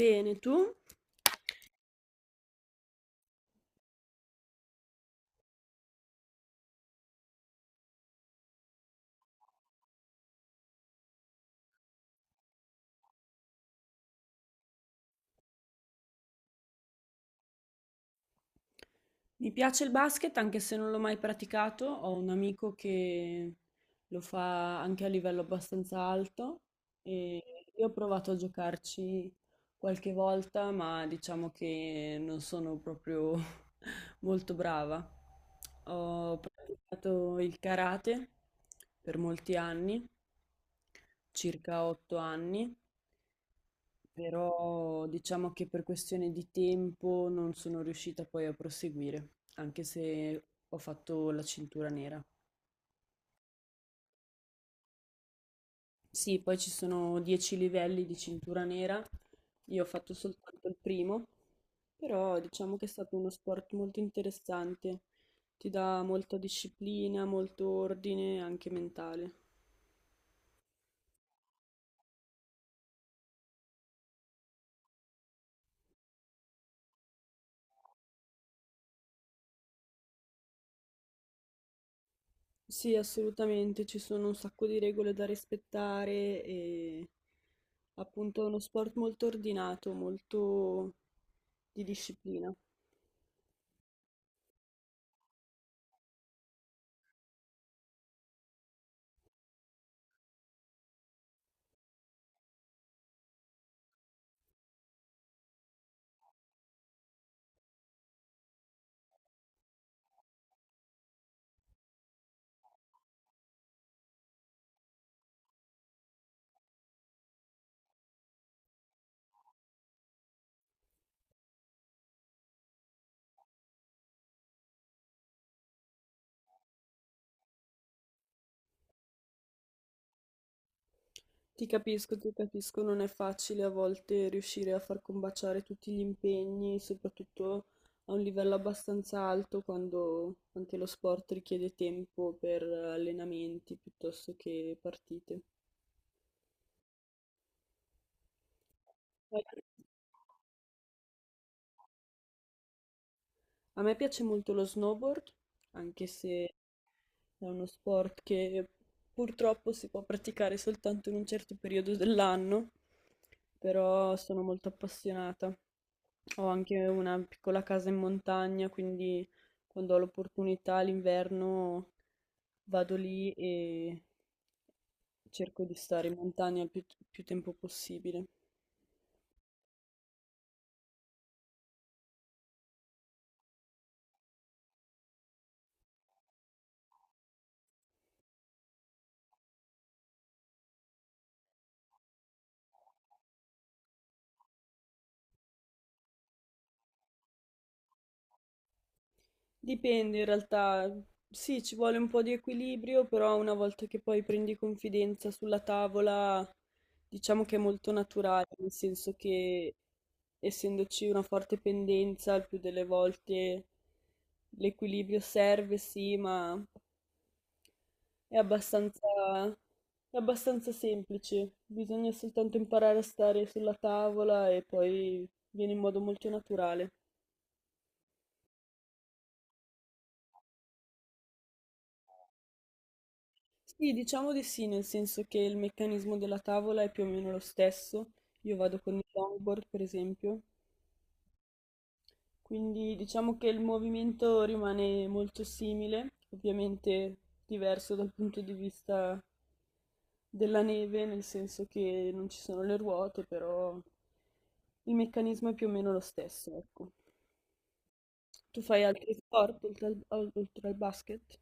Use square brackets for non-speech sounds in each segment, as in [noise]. Bene, tu? Mi piace il basket anche se non l'ho mai praticato. Ho un amico che lo fa anche a livello abbastanza alto e io ho provato a giocarci qualche volta, ma diciamo che non sono proprio [laughs] molto brava. Ho praticato il karate per molti anni, circa 8 anni. Però diciamo che per questione di tempo non sono riuscita poi a proseguire, anche se ho fatto la cintura nera. Sì, poi ci sono 10 livelli di cintura nera, io ho fatto soltanto il primo, però diciamo che è stato uno sport molto interessante, ti dà molta disciplina, molto ordine, anche mentale. Sì, assolutamente, ci sono un sacco di regole da rispettare e appunto è uno sport molto ordinato, molto di disciplina. Ti capisco, non è facile a volte riuscire a far combaciare tutti gli impegni, soprattutto a un livello abbastanza alto quando anche lo sport richiede tempo per allenamenti piuttosto che partite. A me piace molto lo snowboard, anche se è uno sport che purtroppo si può praticare soltanto in un certo periodo dell'anno, però sono molto appassionata. Ho anche una piccola casa in montagna, quindi quando ho l'opportunità l'inverno vado lì e cerco di stare in montagna il più tempo possibile. Dipende in realtà, sì, ci vuole un po' di equilibrio, però una volta che poi prendi confidenza sulla tavola, diciamo che è molto naturale, nel senso che essendoci una forte pendenza, il più delle volte l'equilibrio serve, sì, ma è abbastanza, è abbastanza semplice. Bisogna soltanto imparare a stare sulla tavola e poi viene in modo molto naturale. Sì, diciamo di sì, nel senso che il meccanismo della tavola è più o meno lo stesso. Io vado con il longboard, per esempio, quindi diciamo che il movimento rimane molto simile, ovviamente diverso dal punto di vista della neve, nel senso che non ci sono le ruote, però il meccanismo è più o meno lo stesso, ecco. Tu fai altri sport oltre al basket?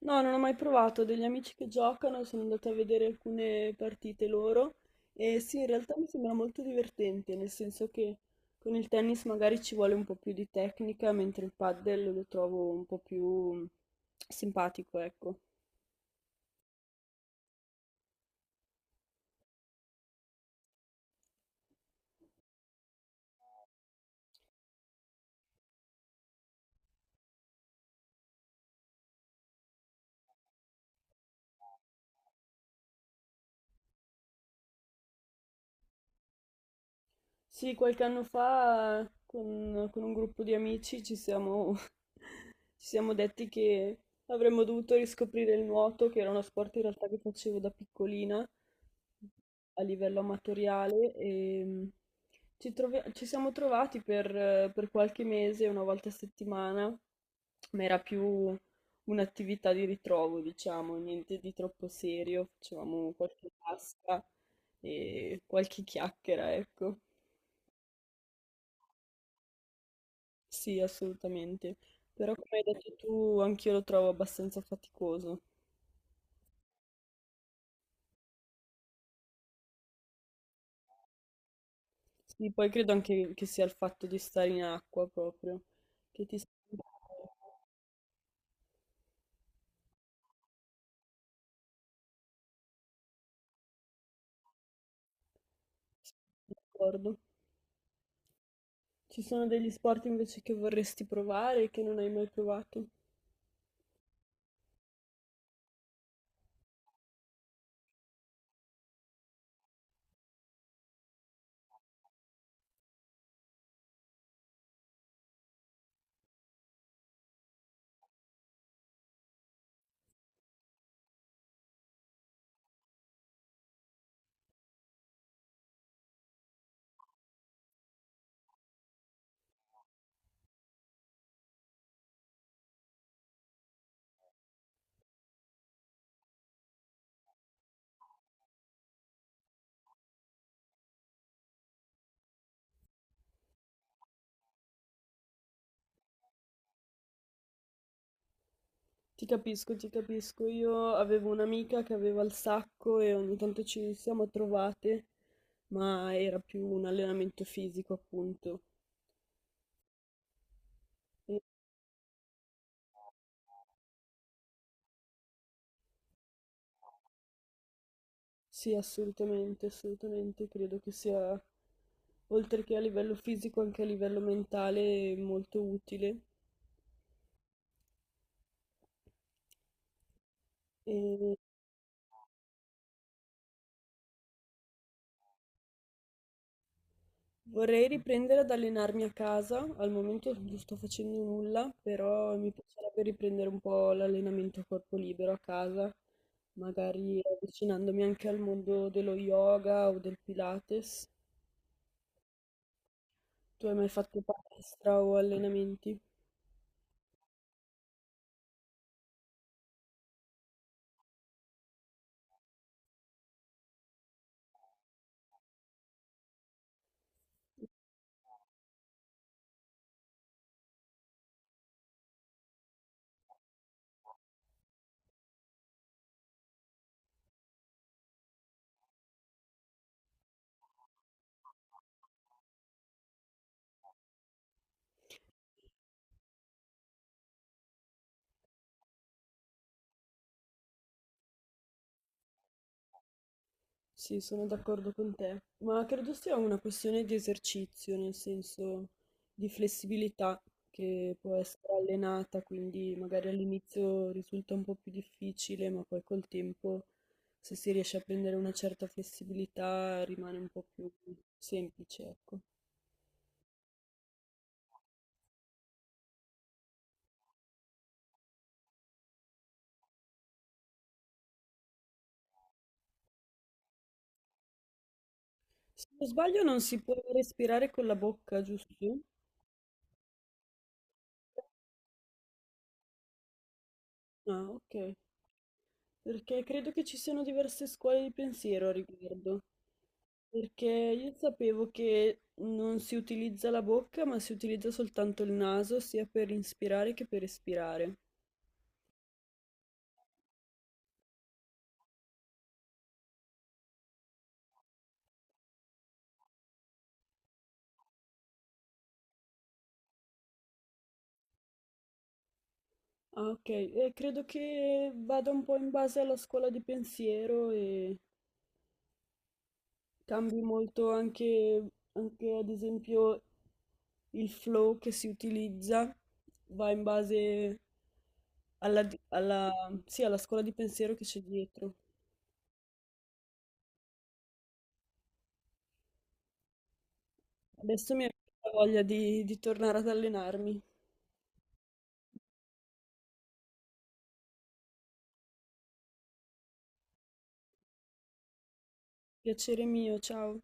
No, non ho mai provato, ho degli amici che giocano, sono andata a vedere alcune partite loro e sì, in realtà mi sembra molto divertente, nel senso che con il tennis magari ci vuole un po' più di tecnica, mentre il padel lo trovo un po' più simpatico, ecco. Sì, qualche anno fa con un gruppo di amici ci siamo, [laughs] ci siamo detti che avremmo dovuto riscoprire il nuoto, che era uno sport in realtà che facevo da piccolina a livello amatoriale e ci siamo trovati per qualche mese, una volta a settimana, ma era più un'attività di ritrovo, diciamo, niente di troppo serio, facevamo qualche tasca e qualche chiacchiera, ecco. Sì, assolutamente. Però come hai detto tu, anch'io lo trovo abbastanza faticoso. Sì, poi credo anche che sia il fatto di stare in acqua proprio, che ti senti. D'accordo. Ci sono degli sport invece che vorresti provare e che non hai mai provato? Ti capisco, ti capisco. Io avevo un'amica che aveva il sacco e ogni tanto ci siamo trovate, ma era più un allenamento fisico, appunto. Sì, assolutamente, assolutamente. Credo che sia, oltre che a livello fisico, anche a livello mentale, molto utile. E vorrei riprendere ad allenarmi a casa. Al momento non sto facendo nulla, però mi piacerebbe riprendere un po' l'allenamento a corpo libero a casa, magari avvicinandomi anche al mondo dello yoga o del Pilates. Tu hai mai fatto palestra o allenamenti? Sì, sono d'accordo con te, ma credo sia una questione di esercizio, nel senso di flessibilità che può essere allenata, quindi magari all'inizio risulta un po' più difficile, ma poi col tempo, se si riesce a prendere una certa flessibilità, rimane un po' più semplice, ecco. Se non sbaglio non si può respirare con la bocca, giusto? Ah, ok, perché credo che ci siano diverse scuole di pensiero a riguardo. Perché io sapevo che non si utilizza la bocca, ma si utilizza soltanto il naso, sia per inspirare che per espirare. Ah, ok, e credo che vada un po' in base alla scuola di pensiero e cambi molto anche, anche ad esempio il flow che si utilizza, va in base alla, sì, alla scuola di pensiero che c'è dietro. Adesso mi è venuta voglia di tornare ad allenarmi. Piacere mio, ciao.